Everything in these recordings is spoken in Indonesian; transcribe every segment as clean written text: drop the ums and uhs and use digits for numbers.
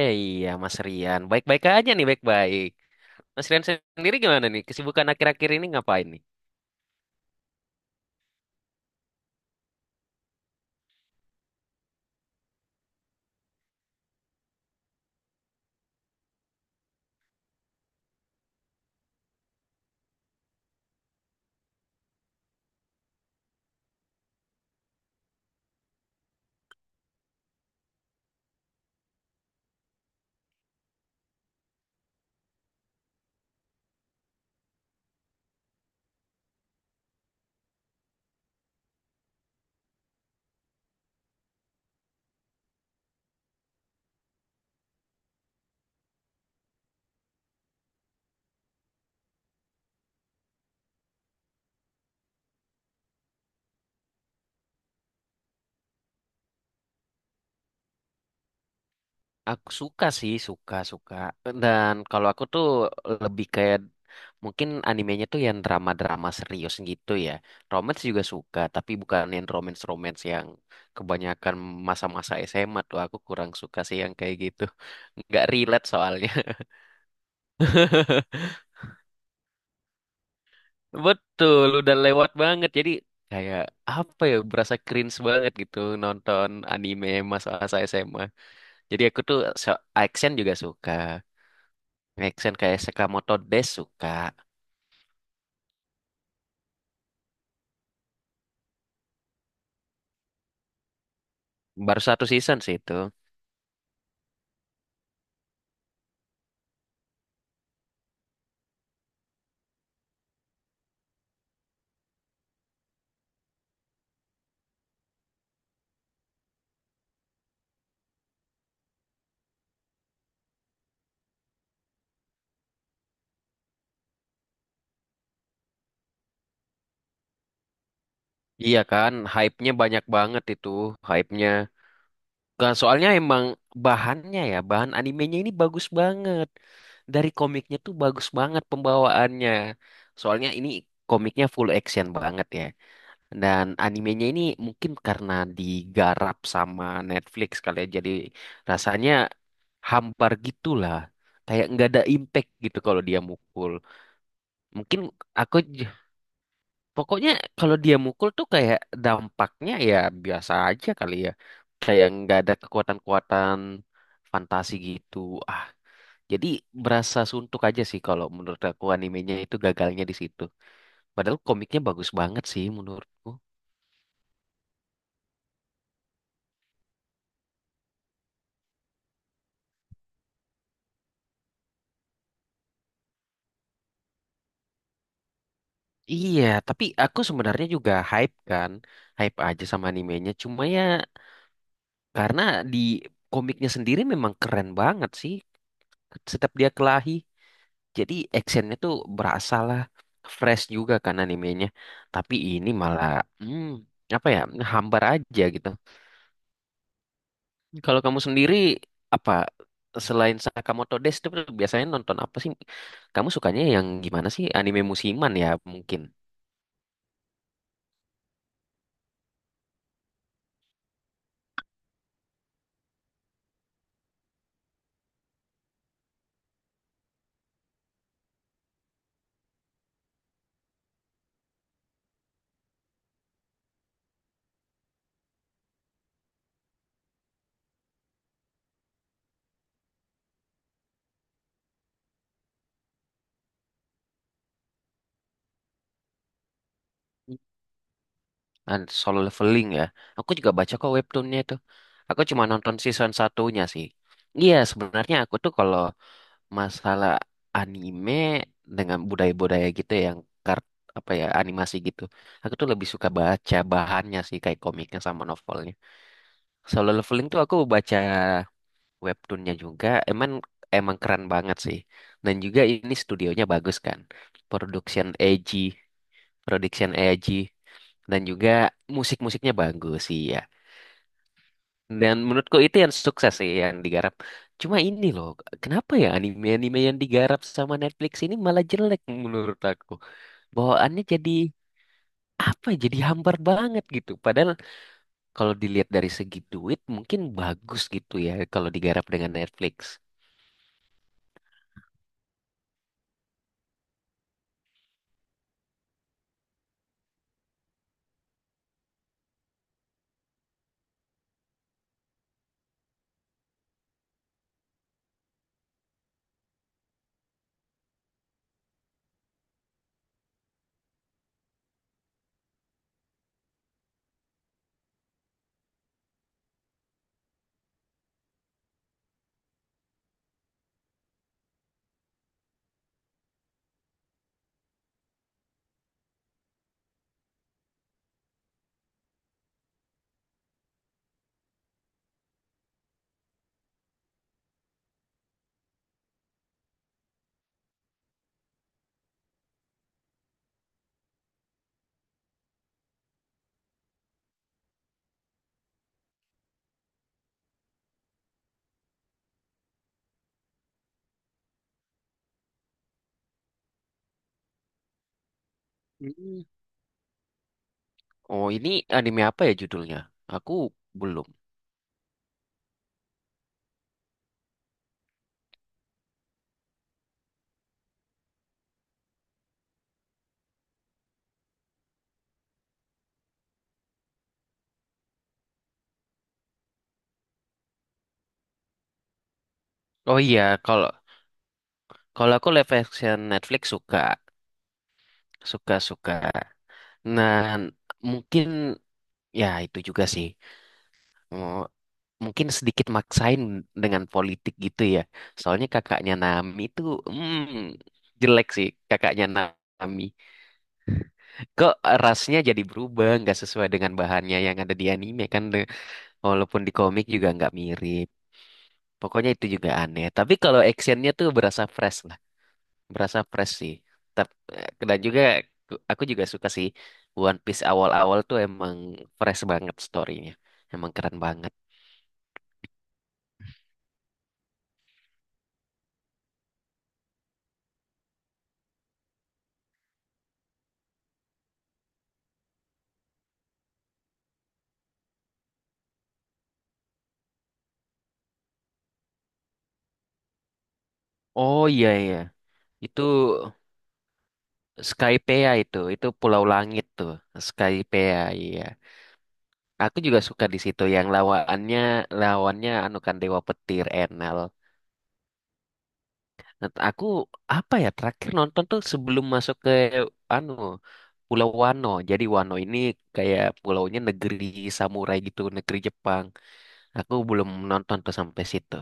Eh iya, Mas Rian. Baik-baik aja nih, baik-baik. Mas Rian sendiri gimana nih? Kesibukan akhir-akhir ini ngapain nih? Aku suka sih, suka-suka. Dan kalau aku tuh lebih kayak mungkin animenya tuh yang drama-drama serius gitu ya. Romance juga suka, tapi bukan yang romance-romance yang kebanyakan masa-masa SMA tuh. Aku kurang suka sih yang kayak gitu. Nggak relate soalnya. Betul, udah lewat banget. Jadi kayak apa ya, berasa cringe banget gitu nonton anime masa-masa SMA. Jadi aku tuh action juga suka. Action kayak Sakamoto Days suka. Baru satu season sih itu. Iya kan, hype-nya banyak banget itu, hype-nya. Nah, soalnya emang bahannya ya, bahan animenya ini bagus banget. Dari komiknya tuh bagus banget pembawaannya. Soalnya ini komiknya full action banget ya. Dan animenya ini mungkin karena digarap sama Netflix kali ya, jadi rasanya hampar gitulah. Kayak nggak ada impact gitu kalau dia mukul. Mungkin aku pokoknya kalau dia mukul tuh kayak dampaknya ya biasa aja kali ya. Kayak nggak ada kekuatan-kekuatan fantasi gitu. Ah, jadi berasa suntuk aja sih kalau menurut aku animenya itu gagalnya di situ. Padahal komiknya bagus banget sih menurutku. Iya, tapi aku sebenarnya juga hype kan, hype aja sama animenya. Cuma ya karena di komiknya sendiri memang keren banget sih. Setiap dia kelahi, jadi actionnya tuh berasa lah, fresh juga kan animenya. Tapi ini malah, hmm, apa ya, hambar aja gitu. Kalau kamu sendiri apa selain Sakamoto Days itu biasanya nonton apa sih? Kamu sukanya yang gimana sih? Anime musiman ya mungkin. Nah, Solo Leveling ya. Aku juga baca kok webtoonnya itu. Aku cuma nonton season satunya sih. Iya, sebenarnya aku tuh kalau masalah anime dengan budaya-budaya gitu ya, yang kart apa ya animasi gitu. Aku tuh lebih suka baca bahannya sih kayak komiknya sama novelnya. Solo Leveling tuh aku baca webtoonnya juga, emang emang keren banget sih. Dan juga ini studionya bagus kan, production AG production AG dan juga musik-musiknya bagus sih ya. Dan menurutku itu yang sukses sih yang digarap. Cuma ini loh, kenapa ya anime-anime yang digarap sama Netflix ini malah jelek menurut aku. Bawaannya jadi apa ya, jadi hambar banget gitu. Padahal kalau dilihat dari segi duit mungkin bagus gitu ya kalau digarap dengan Netflix. Oh, ini anime apa ya judulnya? Aku belum. Oh iya, kalau kalau aku live action Netflix suka, suka suka. Nah, mungkin ya itu juga sih. Oh, mungkin sedikit maksain dengan politik gitu ya. Soalnya kakaknya Nami itu hmm, jelek sih kakaknya Nami. Kok rasnya jadi berubah, nggak sesuai dengan bahannya yang ada di anime kan? Walaupun di komik juga nggak mirip. Pokoknya itu juga aneh. Tapi kalau actionnya tuh berasa fresh sih. Tapi dan juga aku juga suka sih One Piece awal-awal tuh emang fresh banget storynya, emang keren banget. Oh iya iya, itu Skypea itu, Pulau Langit tuh, Skypea iya. Aku juga suka di situ yang lawannya lawannya anu kan Dewa Petir Enel. Nah, aku apa ya terakhir nonton tuh sebelum masuk ke anu Pulau Wano. Jadi Wano ini kayak pulaunya negeri samurai gitu, negeri Jepang. Aku belum nonton tuh sampai situ.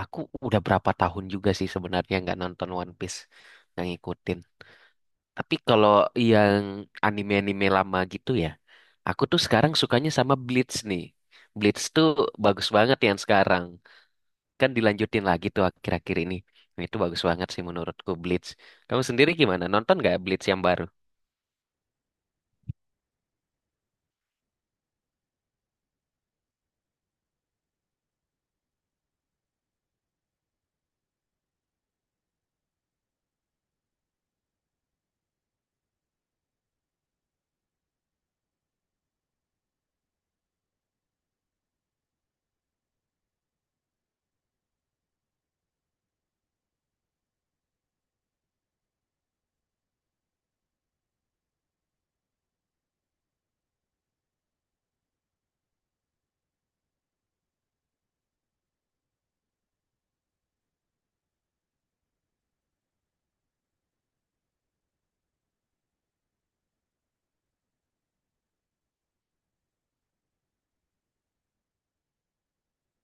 Aku udah berapa tahun juga sih sebenarnya nggak nonton One Piece, nggak ngikutin. Tapi kalau yang anime-anime lama gitu ya, aku tuh sekarang sukanya sama Bleach nih. Bleach tuh bagus banget yang sekarang. Kan dilanjutin lagi tuh akhir-akhir ini. Nah, itu bagus banget sih menurutku Bleach. Kamu sendiri gimana? Nonton nggak Bleach yang baru?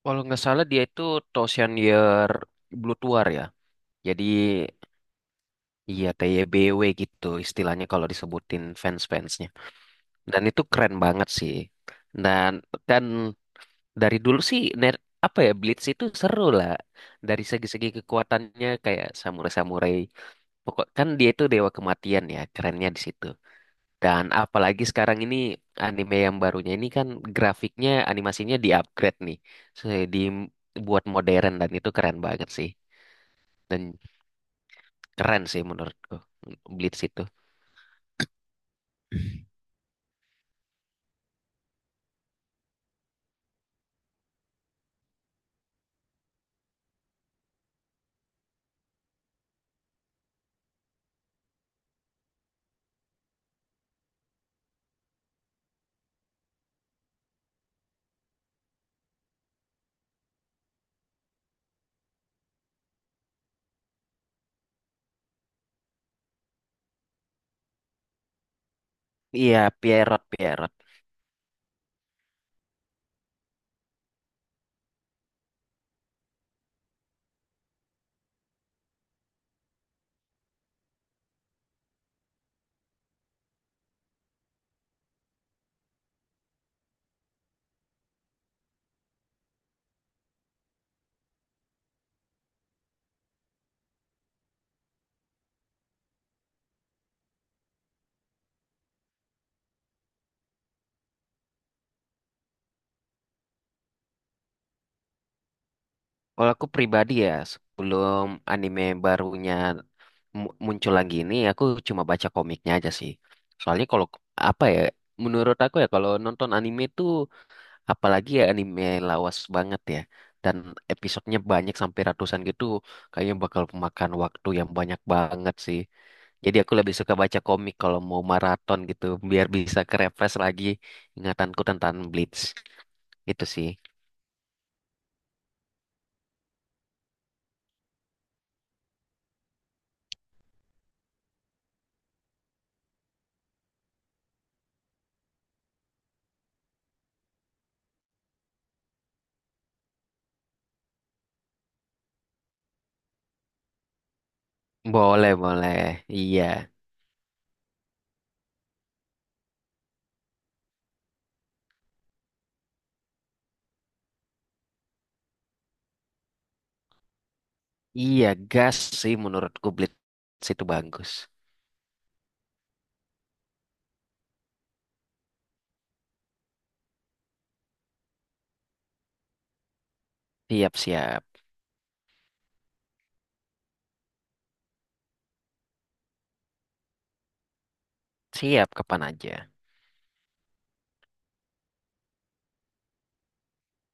Kalau nggak salah dia itu Thousand Year Blood War ya. Jadi iya, TYBW gitu istilahnya kalau disebutin fans-fansnya. Dan itu keren banget sih. Dan dan dari dulu sih apa ya Blitz itu seru lah. Dari segi-segi kekuatannya kayak samurai-samurai. Pokok kan dia itu dewa kematian ya, kerennya di situ. Dan apalagi sekarang ini anime yang barunya ini kan grafiknya animasinya di-upgrade nih. So, dibuat modern dan itu keren banget sih. Dan keren sih menurutku Blitz itu. Iya, Pierrot, Pierrot. Kalau aku pribadi ya, sebelum anime barunya muncul lagi ini, aku cuma baca komiknya aja sih. Soalnya kalau apa ya, menurut aku ya kalau nonton anime tuh, apalagi ya anime lawas banget ya, dan episodenya banyak sampai ratusan gitu, kayaknya bakal memakan waktu yang banyak banget sih. Jadi aku lebih suka baca komik kalau mau maraton gitu, biar bisa refresh lagi ingatanku tentang Bleach. Itu sih. Boleh, boleh. Iya. Iya, gas sih menurutku Blitz itu bagus. Siap, siap. Siap kapan aja.